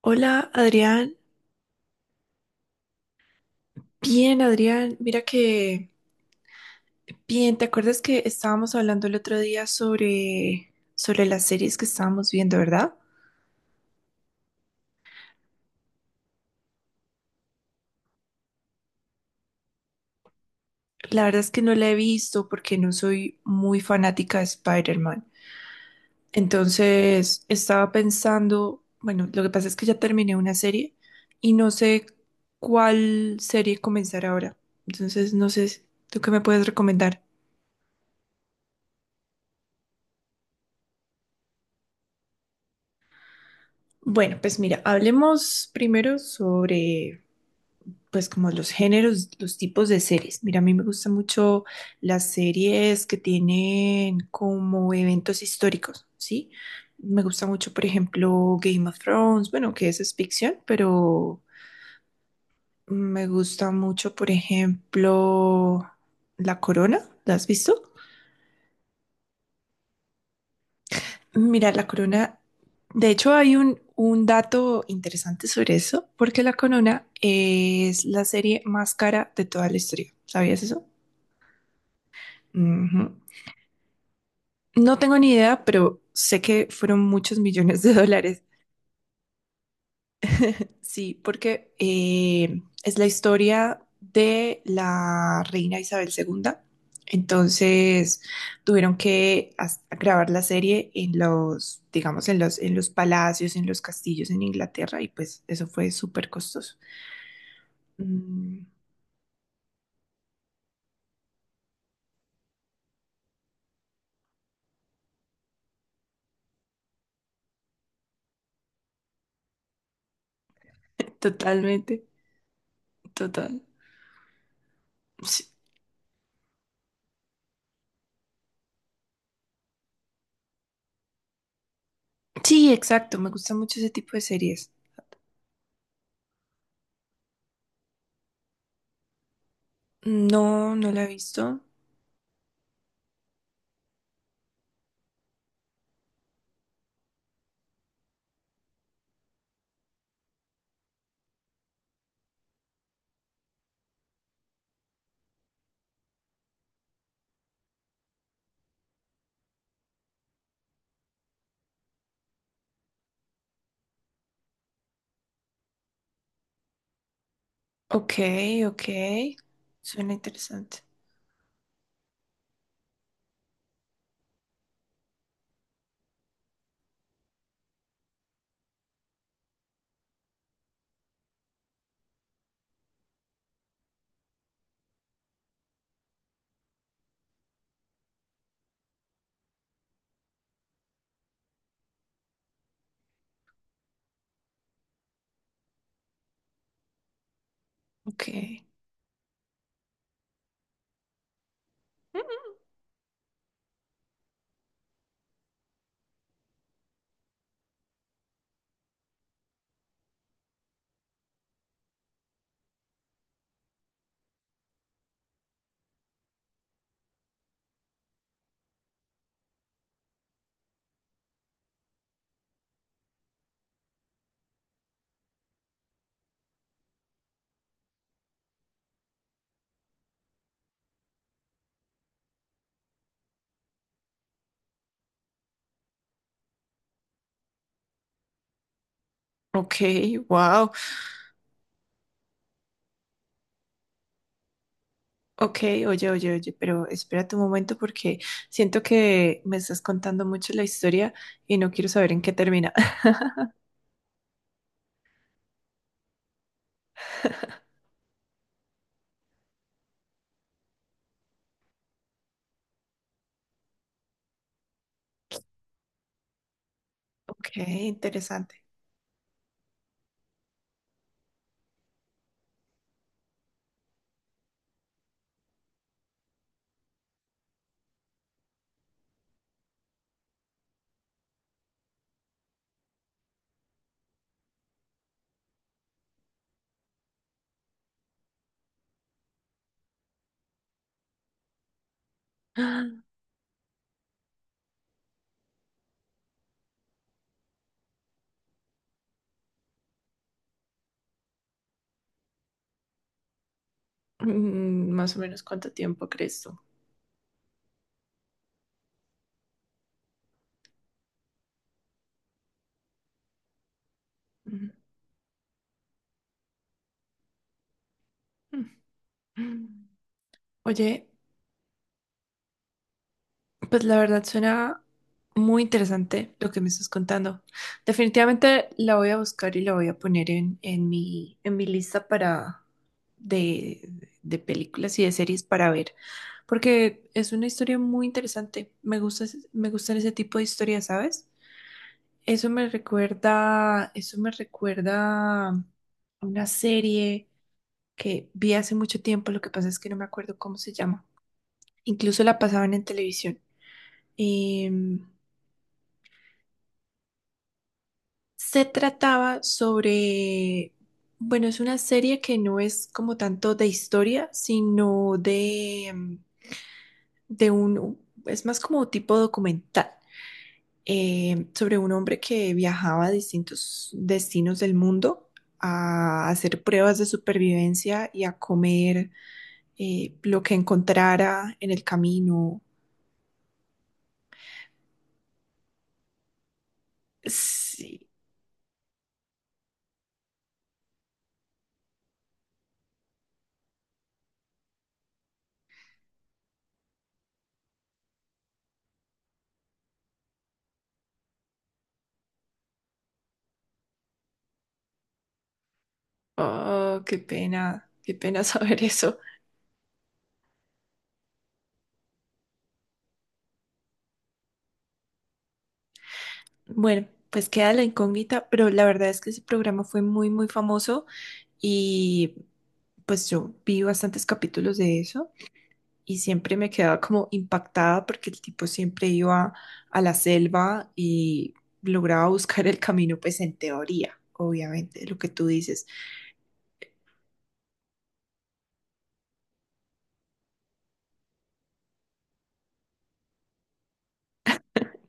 Hola, Adrián. Bien, Adrián. Mira que bien, ¿te acuerdas que estábamos hablando el otro día sobre las series que estábamos viendo, ¿verdad? La verdad es que no la he visto porque no soy muy fanática de Spider-Man. Entonces, estaba pensando, bueno, lo que pasa es que ya terminé una serie y no sé cuál serie comenzar ahora. Entonces, no sé, ¿tú qué me puedes recomendar? Bueno, pues mira, hablemos primero sobre pues como los géneros, los tipos de series. Mira, a mí me gustan mucho las series que tienen como eventos históricos, ¿sí? Me gusta mucho, por ejemplo, Game of Thrones, bueno, que eso es ficción, pero me gusta mucho, por ejemplo, La Corona, ¿la has visto? Mira, La Corona, de hecho hay un dato interesante sobre eso, porque La Corona es la serie más cara de toda la historia. ¿Sabías eso? Ujú. No tengo ni idea, pero sé que fueron muchos millones de dólares. Sí, porque es la historia de la reina Isabel segunda. Entonces tuvieron que grabar la serie en los, digamos, en los palacios, en los castillos en Inglaterra y pues eso fue súper costoso. Mm, totalmente, total. Sí, sí, exacto, me gusta mucho ese tipo de series. No, no la he visto. Ok, ok. Suena interesante. Ok. Ok, wow. Ok, oye, pero espérate un momento porque siento que me estás contando mucho la historia y no quiero saber en qué termina. Ok, interesante. Más o menos cuánto tiempo crees tú. Mm, mm. Oye, pues la verdad suena muy interesante lo que me estás contando. Definitivamente la voy a buscar y la voy a poner en mi lista para de, de películas y de series para ver, porque es una historia muy interesante. Me gusta, me gustan ese tipo de historias, ¿sabes? Eso me recuerda a una serie que vi hace mucho tiempo, lo que pasa es que no me acuerdo cómo se llama. Incluso la pasaban en televisión. Se trataba sobre, bueno, es una serie que no es como tanto de historia, sino de, de un, es más como tipo documental, sobre un hombre que viajaba a distintos destinos del mundo a hacer pruebas de supervivencia y a comer lo que encontrara en el camino. Sí. Oh, qué pena saber eso. Bueno, pues queda la incógnita, pero la verdad es que ese programa fue muy, muy famoso y pues yo vi bastantes capítulos de eso y siempre me quedaba como impactada porque el tipo siempre iba a la selva y lograba buscar el camino, pues en teoría, obviamente, lo que tú dices.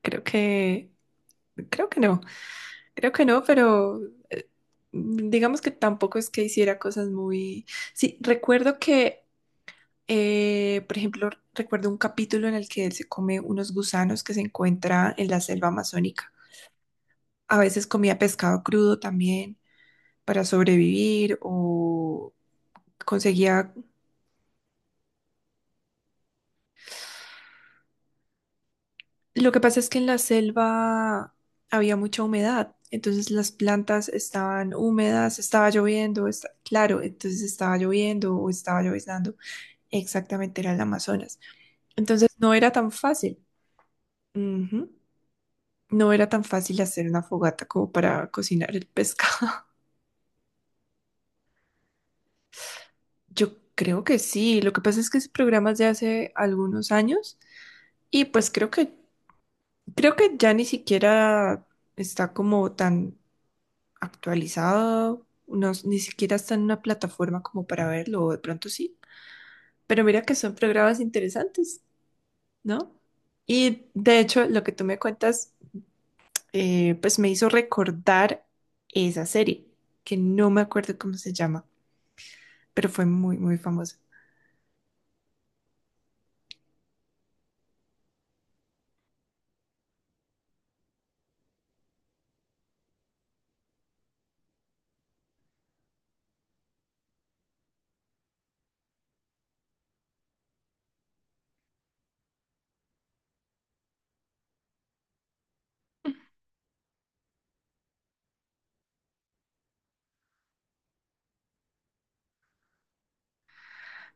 Creo que, creo que no, creo que no, pero eh, digamos que tampoco es que hiciera cosas muy... Sí, recuerdo que por ejemplo, recuerdo un capítulo en el que él se come unos gusanos que se encuentra en la selva amazónica. A veces comía pescado crudo también para sobrevivir o conseguía... Lo que pasa es que en la selva había mucha humedad, entonces las plantas estaban húmedas, estaba lloviendo, claro, entonces estaba lloviendo o estaba lloviznando. Exactamente era el Amazonas. Entonces no era tan fácil. Ujú. No era tan fácil hacer una fogata como para cocinar el pescado. Yo creo que sí. Lo que pasa es que ese programa es de hace algunos años y pues creo que ya ni siquiera está como tan actualizado, ni siquiera está en una plataforma como para verlo, o de pronto sí. Pero mira que son programas interesantes, ¿no? Y de hecho, lo que tú me cuentas, pues me hizo recordar esa serie, que no me acuerdo cómo se llama pero fue muy, muy famosa.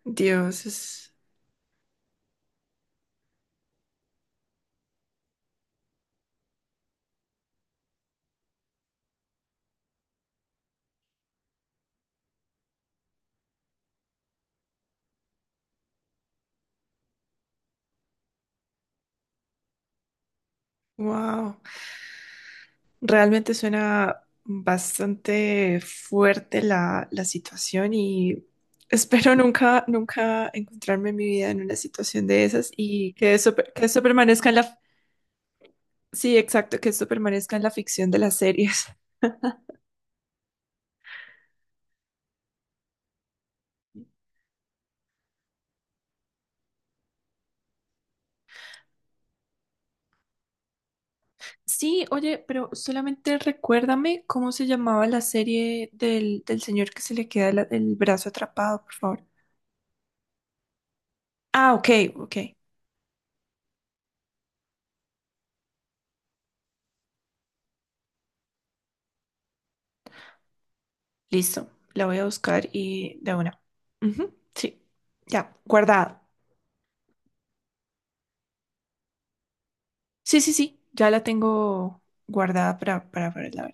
Dios, es... Wow. Realmente suena bastante fuerte la, la situación y espero nunca, nunca encontrarme en mi vida en una situación de esas y que eso permanezca en la... Sí, exacto, que eso permanezca en la ficción de las series. Sí, oye, pero solamente recuérdame cómo se llamaba la serie del, del señor que se le queda el brazo atrapado, por favor. Ah, ok, ok. Listo, la voy a buscar y de una. Ujú, sí, ya, guardada. Sí, sí, sí, ya la tengo guardada para poderla ver.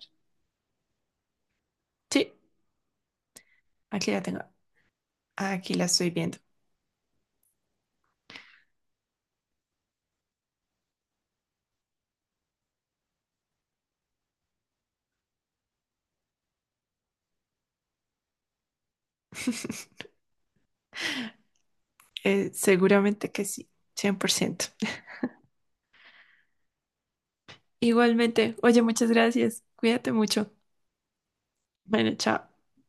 Sí, aquí la tengo. Aquí la estoy viendo. Seguramente que sí, 100%. Igualmente, oye, muchas gracias. Cuídate mucho. Bueno, chao.